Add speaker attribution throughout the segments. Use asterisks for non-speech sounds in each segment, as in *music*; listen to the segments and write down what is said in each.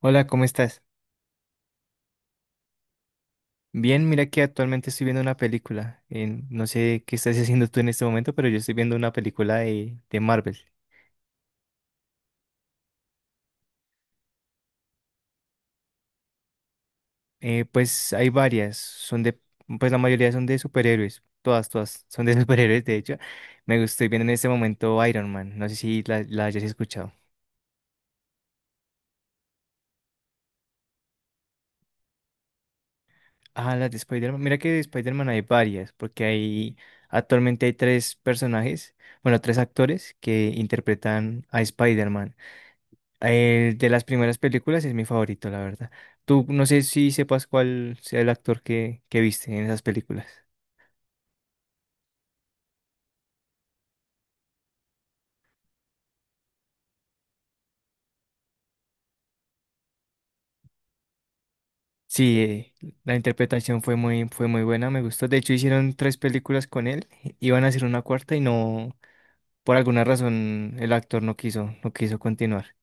Speaker 1: Hola, ¿cómo estás? Bien, mira que actualmente estoy viendo una película. No sé qué estás haciendo tú en este momento, pero yo estoy viendo una película de Marvel. Pues hay varias, son de, pues la mayoría son de superhéroes, todas, todas son de *laughs* superhéroes, de hecho. Me estoy viendo en este momento Iron Man, no sé si la hayas escuchado. Ah, las de Spider-Man, mira que de Spider-Man hay varias, porque hay, actualmente hay tres personajes, bueno, tres actores que interpretan a Spider-Man. De las primeras películas es mi favorito, la verdad. Tú no sé si sepas cuál sea el actor que viste en esas películas. Sí, la interpretación fue muy buena, me gustó. De hecho, hicieron tres películas con él, iban a hacer una cuarta y no, por alguna razón, el actor no quiso, no quiso continuar.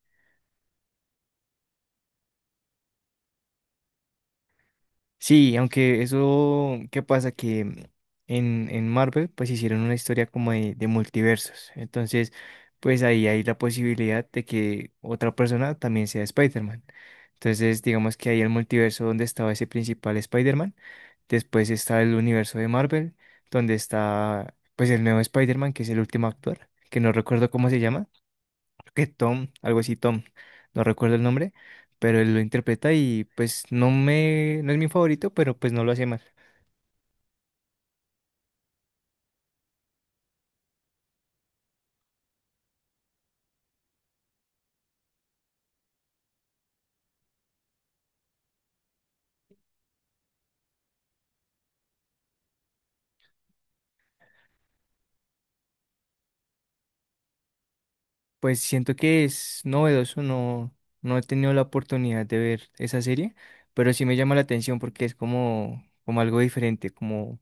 Speaker 1: Sí, aunque eso, ¿qué pasa? Que en Marvel pues hicieron una historia como de multiversos. Entonces, pues ahí hay la posibilidad de que otra persona también sea Spider-Man. Entonces, digamos que ahí el multiverso donde estaba ese principal Spider-Man. Después está el universo de Marvel, donde está pues el nuevo Spider-Man, que es el último actor, que no recuerdo cómo se llama que Tom, algo así, Tom, no recuerdo el nombre, pero él lo interpreta y pues no me, no es mi favorito, pero pues no lo hace mal. Pues siento que es novedoso, no, no he tenido la oportunidad de ver esa serie, pero sí me llama la atención porque es como, como algo diferente, como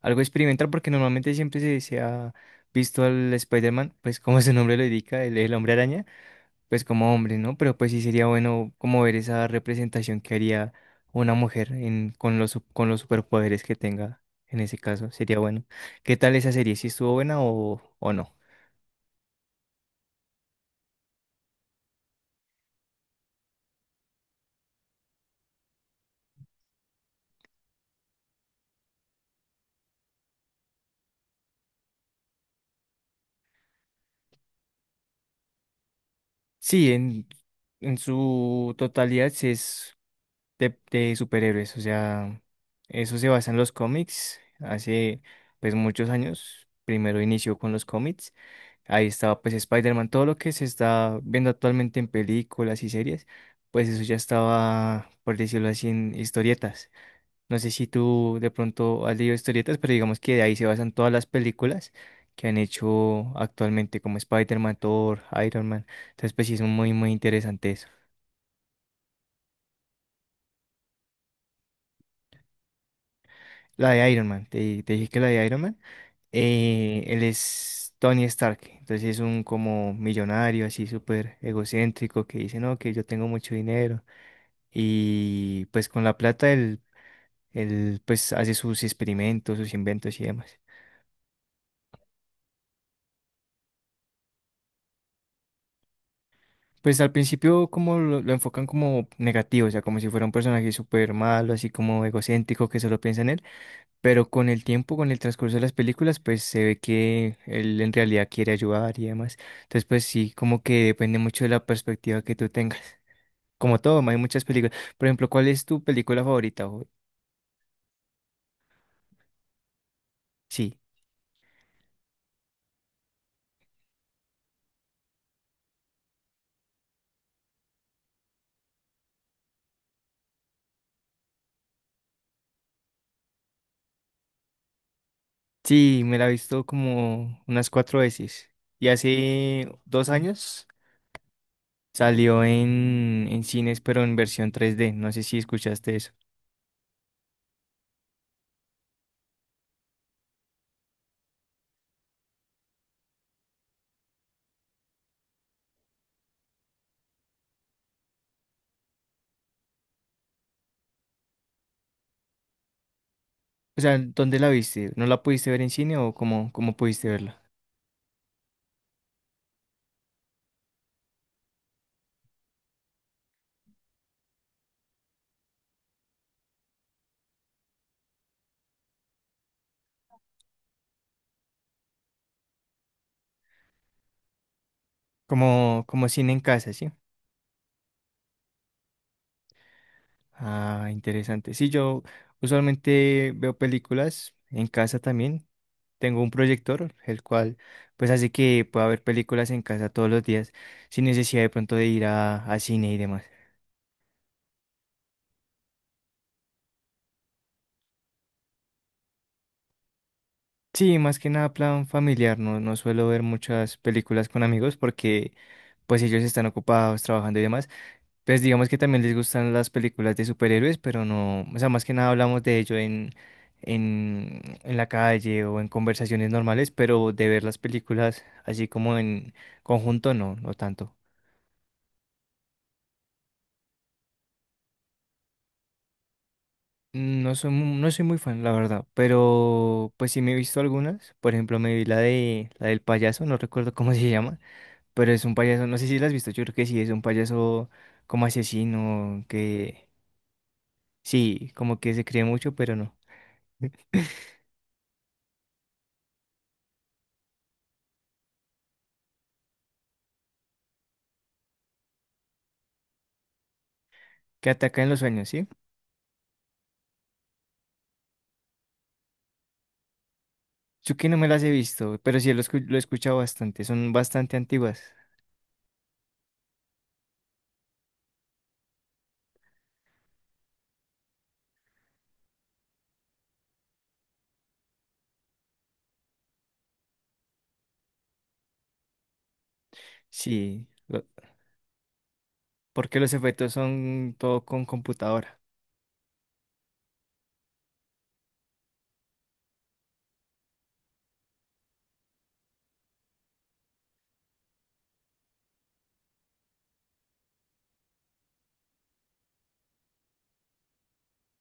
Speaker 1: algo experimental, porque normalmente siempre se, se ha visto al Spider-Man, pues como su nombre lo indica, el hombre araña, pues como hombre, ¿no? Pero pues sí sería bueno como ver esa representación que haría una mujer en, con los, con los superpoderes que tenga en ese caso, sería bueno. ¿Qué tal esa serie? ¿Si estuvo buena o no? Sí, en su totalidad sí es de superhéroes, o sea, eso se basa en los cómics, hace pues muchos años, primero inició con los cómics. Ahí estaba pues Spider-Man, todo lo que se está viendo actualmente en películas y series, pues eso ya estaba, por decirlo así, en historietas. No sé si tú de pronto has leído historietas, pero digamos que de ahí se basan todas las películas que han hecho actualmente, como Spider-Man, Thor, Iron Man. Entonces pues sí es muy, muy interesante eso. La de Iron Man, te dije que la de Iron Man, él es Tony Stark, entonces es un como millonario así súper egocéntrico que dice, no, que yo tengo mucho dinero y pues con la plata él, él, pues hace sus experimentos, sus inventos y demás. Pues al principio como lo enfocan como negativo, o sea, como si fuera un personaje súper malo, así como egocéntrico que solo piensa en él, pero con el tiempo, con el transcurso de las películas, pues se ve que él en realidad quiere ayudar y demás. Entonces, pues sí, como que depende mucho de la perspectiva que tú tengas. Como todo, hay muchas películas. Por ejemplo, ¿cuál es tu película favorita? ¿Jue? Sí. Sí, me la he visto como unas cuatro veces. Y hace dos años salió en cines, pero en versión 3D. No sé si escuchaste eso. O sea, ¿dónde la viste? ¿No la pudiste ver en cine o cómo, cómo pudiste verla? Como, como cine en casa, ¿sí? Ah, interesante. Sí, yo usualmente veo películas en casa también. Tengo un proyector, el cual pues hace que pueda ver películas en casa todos los días, sin necesidad de pronto de ir a cine y demás. Sí, más que nada plan familiar, no, no suelo ver muchas películas con amigos porque pues ellos están ocupados trabajando y demás. Pues digamos que también les gustan las películas de superhéroes, pero no, o sea, más que nada hablamos de ello en la calle o en conversaciones normales, pero de ver las películas así como en conjunto, no, no tanto. No soy, no soy muy fan, la verdad, pero pues sí me he visto algunas. Por ejemplo, me vi la de la del payaso, no recuerdo cómo se llama. Pero es un payaso, no sé si lo has visto, yo creo que sí, es un payaso como asesino, que sí, como que se cree mucho, pero no, que ataca en los sueños, ¿sí? Yo que no me las he visto, pero sí lo, lo he escuchado bastante, son bastante antiguas, sí, lo- porque los efectos son todo con computadora,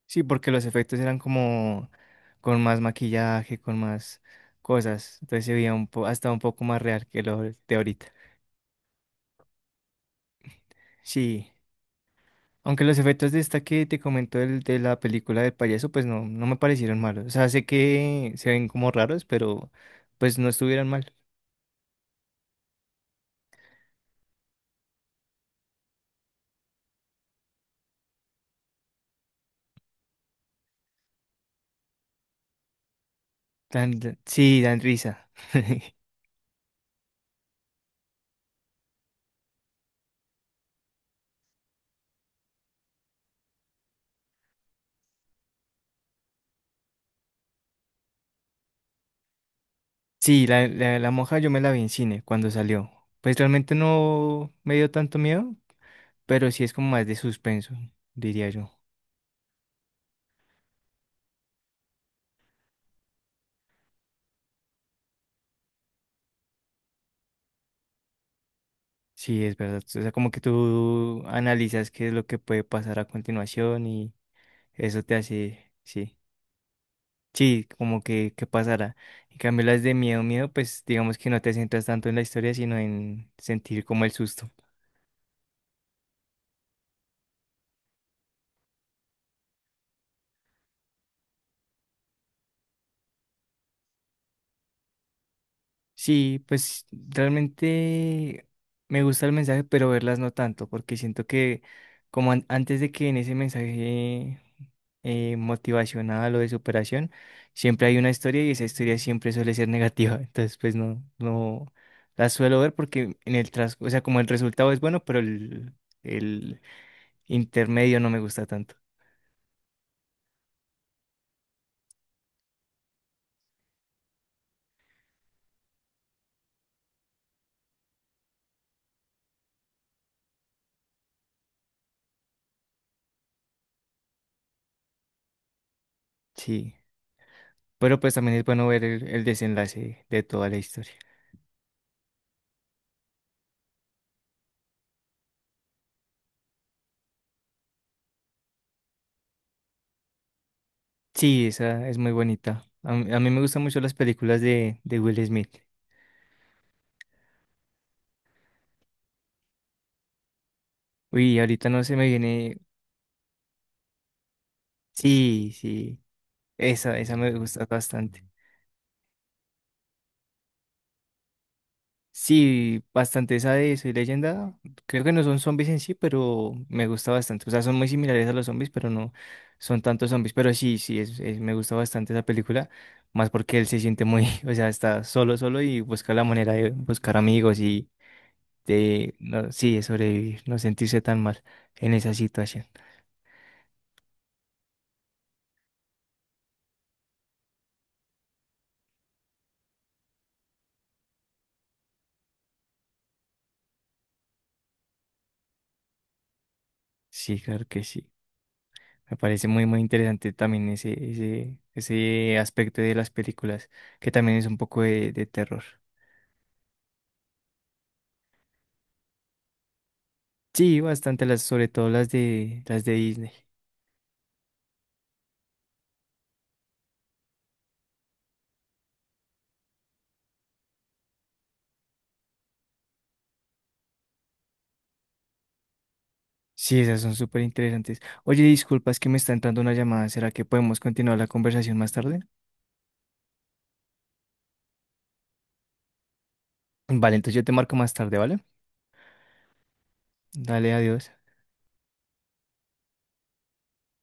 Speaker 1: sí, porque los efectos eran como con más maquillaje, con más cosas, entonces se veía un hasta un poco más real que lo de ahorita, sí. Aunque los efectos de esta que te comento de la película del payaso, pues no, no me parecieron malos. O sea, sé que se ven como raros, pero pues no estuvieran mal. Sí, dan risa. *laughs* Sí, la monja yo me la vi en cine cuando salió. Pues realmente no me dio tanto miedo, pero sí es como más de suspenso, diría yo. Sí, es verdad. O sea, como que tú analizas qué es lo que puede pasar a continuación y eso te hace, sí. Sí, como que pasara. En cambio, las de miedo, miedo, pues digamos que no te centras tanto en la historia, sino en sentir como el susto. Sí, pues realmente me gusta el mensaje, pero verlas no tanto, porque siento que como antes de que en ese mensaje motivacional o de superación, siempre hay una historia y esa historia siempre suele ser negativa. *laughs* Entonces, pues no, no las suelo ver porque en el tras, o sea, como el resultado es bueno, pero el intermedio no me gusta tanto. Sí, pero pues también es bueno ver el desenlace de toda la historia. Sí, esa es muy bonita. A mí me gustan mucho las películas de Will Smith. Uy, ahorita no se me viene. Sí, sí, esa me gusta bastante. Sí, bastante esa de Soy Leyenda. Creo que no son zombies en sí, pero me gusta bastante. O sea, son muy similares a los zombies, pero no son tantos zombies. Pero sí, sí, me gusta bastante esa película. Más porque él se siente muy, *laughs* o sea, está solo, solo y busca la manera de buscar amigos y de, no, sí, de sobrevivir, no sentirse tan mal en esa situación. Sí, claro que sí. Me parece muy, muy interesante también ese aspecto de las películas, que también es un poco de terror. Sí, bastante las, sobre todo las de Disney. Sí, esas son súper interesantes. Oye, disculpa, es que me está entrando una llamada. ¿Será que podemos continuar la conversación más tarde? Vale, entonces yo te marco más tarde, ¿vale? Dale, adiós.